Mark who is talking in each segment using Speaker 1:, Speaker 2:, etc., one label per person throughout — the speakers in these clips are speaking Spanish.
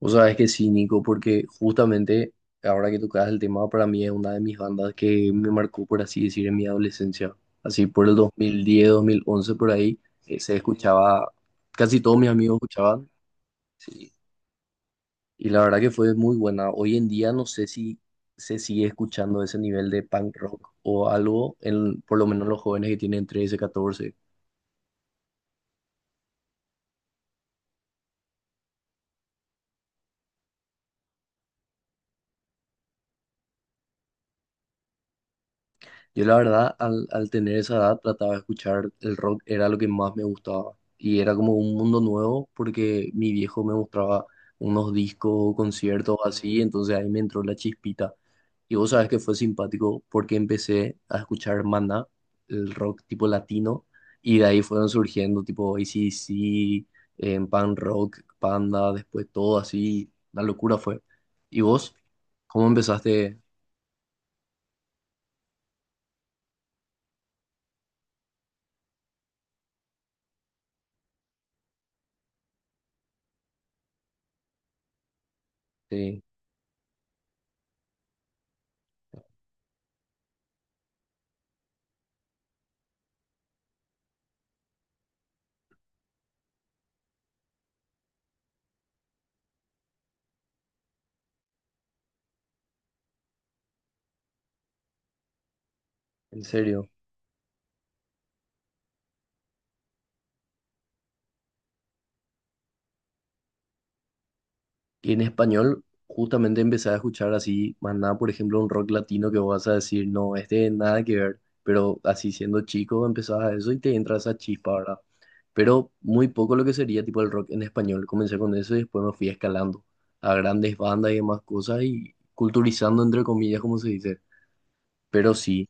Speaker 1: Vos sabés que sí, Nico, porque justamente ahora que tocas el tema, para mí es una de mis bandas que me marcó, por así decir, en mi adolescencia. Así por el 2010, 2011, por ahí, se escuchaba, casi todos mis amigos escuchaban, sí. Y la verdad que fue muy buena. Hoy en día no sé si se sigue escuchando ese nivel de punk rock o algo, por lo menos los jóvenes que tienen 13, 14. Yo la verdad, al tener esa edad, trataba de escuchar el rock, era lo que más me gustaba. Y era como un mundo nuevo porque mi viejo me mostraba unos discos o conciertos así, entonces ahí me entró la chispita. Y vos sabés que fue simpático porque empecé a escuchar Maná, el rock tipo latino, y de ahí fueron surgiendo tipo AC/DC, en Pan Rock, Panda, después todo así, la locura fue. ¿Y vos? ¿Cómo empezaste? eh, en serio. Y en español, justamente empecé a escuchar así, más nada, por ejemplo, un rock latino que vos vas a decir, no, este nada que ver, pero así siendo chico empezabas a eso y te entra esa chispa, ¿verdad? Pero muy poco lo que sería tipo el rock en español. Comencé con eso y después me fui escalando a grandes bandas y demás cosas y culturizando, entre comillas, como se dice. Pero sí.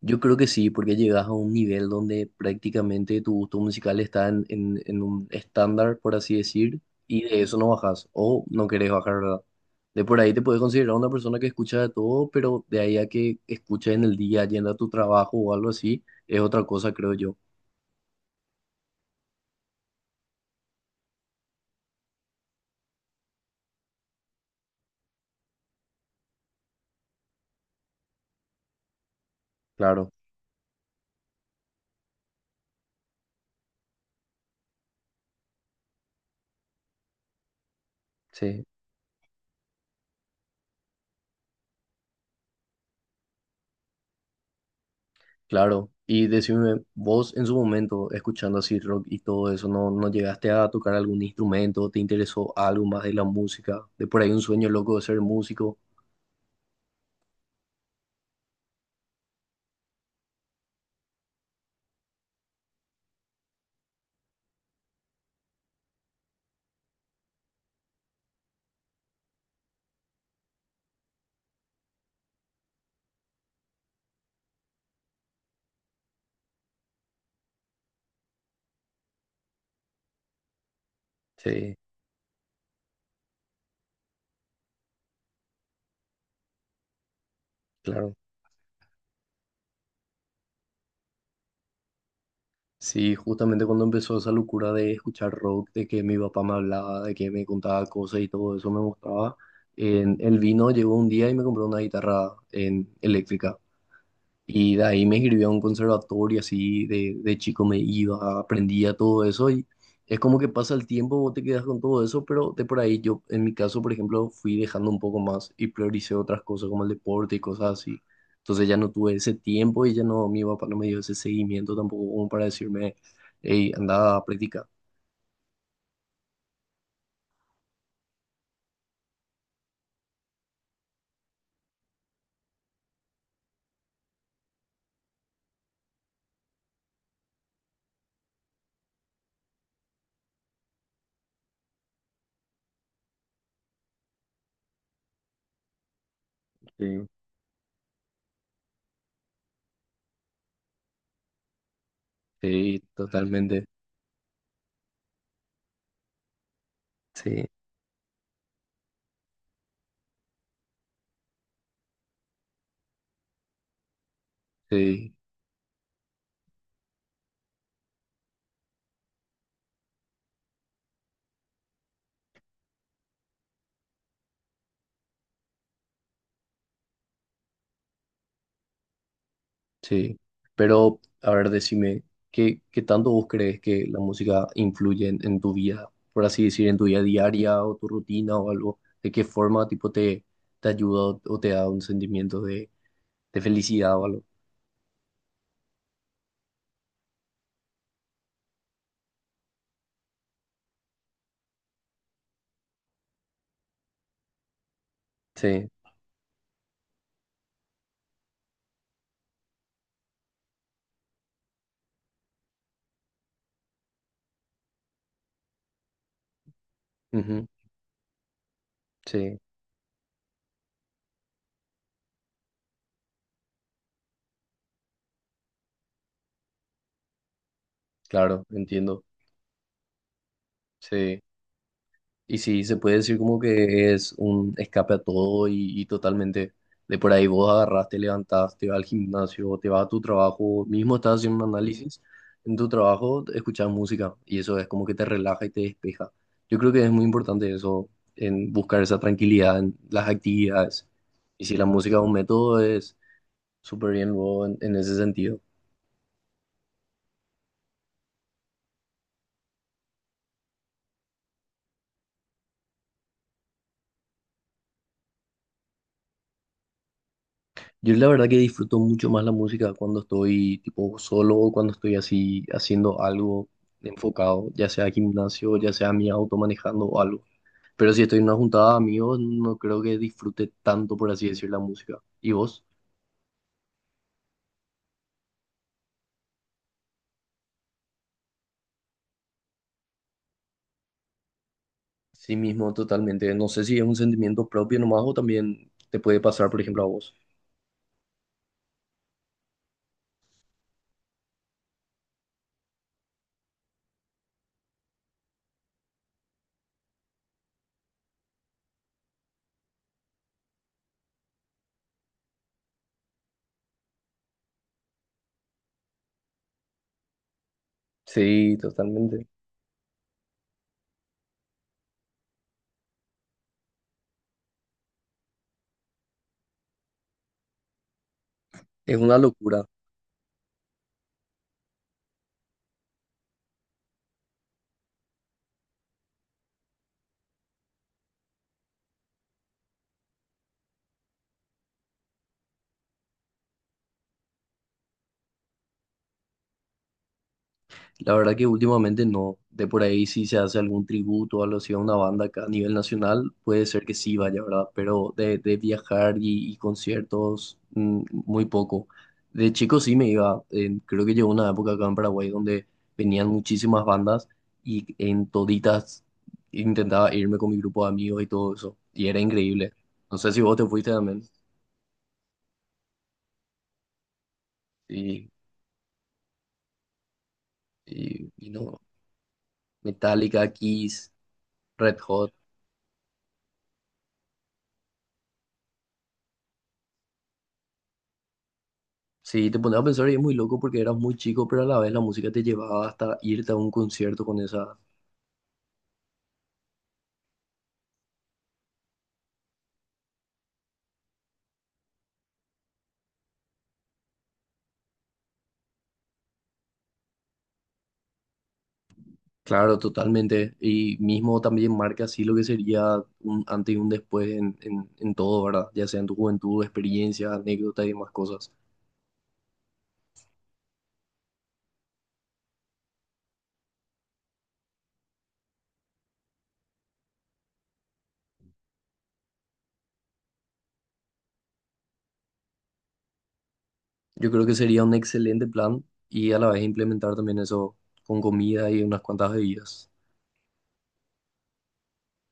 Speaker 1: Yo creo que sí, porque llegas a un nivel donde prácticamente tu gusto musical está en un estándar, por así decir, y de eso no bajas, o no querés bajar, ¿verdad? De por ahí te puedes considerar una persona que escucha de todo, pero de ahí a que escuches en el día, yendo a tu trabajo o algo así, es otra cosa, creo yo. Claro, sí, claro. Y decime, vos en su momento, escuchando así rock y todo eso, ¿no llegaste a tocar algún instrumento? ¿Te interesó algo más de la música? De por ahí un sueño loco de ser músico. Sí. Claro, sí, justamente cuando empezó esa locura de escuchar rock, de que mi papá me hablaba, de que me contaba cosas y todo eso me mostraba, en el vino llegó un día y me compró una guitarra en eléctrica. Y de ahí me escribí a un conservatorio, así de chico me iba, aprendía todo eso y es como que pasa el tiempo, vos te quedas con todo eso, pero de por ahí yo, en mi caso, por ejemplo, fui dejando un poco más y prioricé otras cosas como el deporte y cosas así. Entonces ya no tuve ese tiempo y ya no, mi papá no me dio ese seguimiento tampoco como para decirme, hey, anda a practicar. Sí. Sí, totalmente. Sí, sí. Sí, pero a ver, decime, ¿qué tanto vos crees que la música influye en tu vida, por así decir, en tu vida diaria o tu rutina o algo? ¿De qué forma tipo te, te ayuda o te da un sentimiento de felicidad o algo? Sí, ujú, sí, claro, entiendo. Sí. Y sí, se puede decir como que es un escape a todo y totalmente de por ahí vos agarrás, te levantás, te vas al gimnasio, te vas a tu trabajo, mismo estás haciendo un análisis, en tu trabajo escuchas música y eso es como que te relaja y te despeja. Yo creo que es muy importante eso, en buscar esa tranquilidad en las actividades. Y si la música es un método, es súper bien luego en ese sentido. Yo la verdad que disfruto mucho más la música cuando estoy tipo solo o cuando estoy así haciendo algo enfocado, ya sea gimnasio, ya sea mi auto manejando o algo. Pero si estoy en una juntada de amigos, no creo que disfrute tanto, por así decir, la música. ¿Y vos? Sí mismo, totalmente. No sé si es un sentimiento propio nomás o también te puede pasar, por ejemplo, a vos. Sí, totalmente. Es una locura. La verdad que últimamente no. De por ahí si se hace algún tributo o algo así a una banda acá a nivel nacional, puede ser que sí vaya, ¿verdad? Pero de viajar y conciertos, mm, muy poco. De chico sí me iba. Creo que llegó una época acá en Paraguay donde venían muchísimas bandas y en toditas intentaba irme con mi grupo de amigos y todo eso. Y era increíble. No sé si vos te fuiste también. Y, y no. Metallica, Kiss, Red Hot. Sí, te pones a pensar y es muy loco porque eras muy chico, pero a la vez la música te llevaba hasta irte a un concierto con esa. Claro, totalmente. Y mismo también marca así lo que sería un antes y un después en todo, ¿verdad? Ya sea en tu juventud, experiencia, anécdotas y demás cosas. Yo creo que sería un excelente plan y a la vez implementar también eso con comida y unas cuantas bebidas.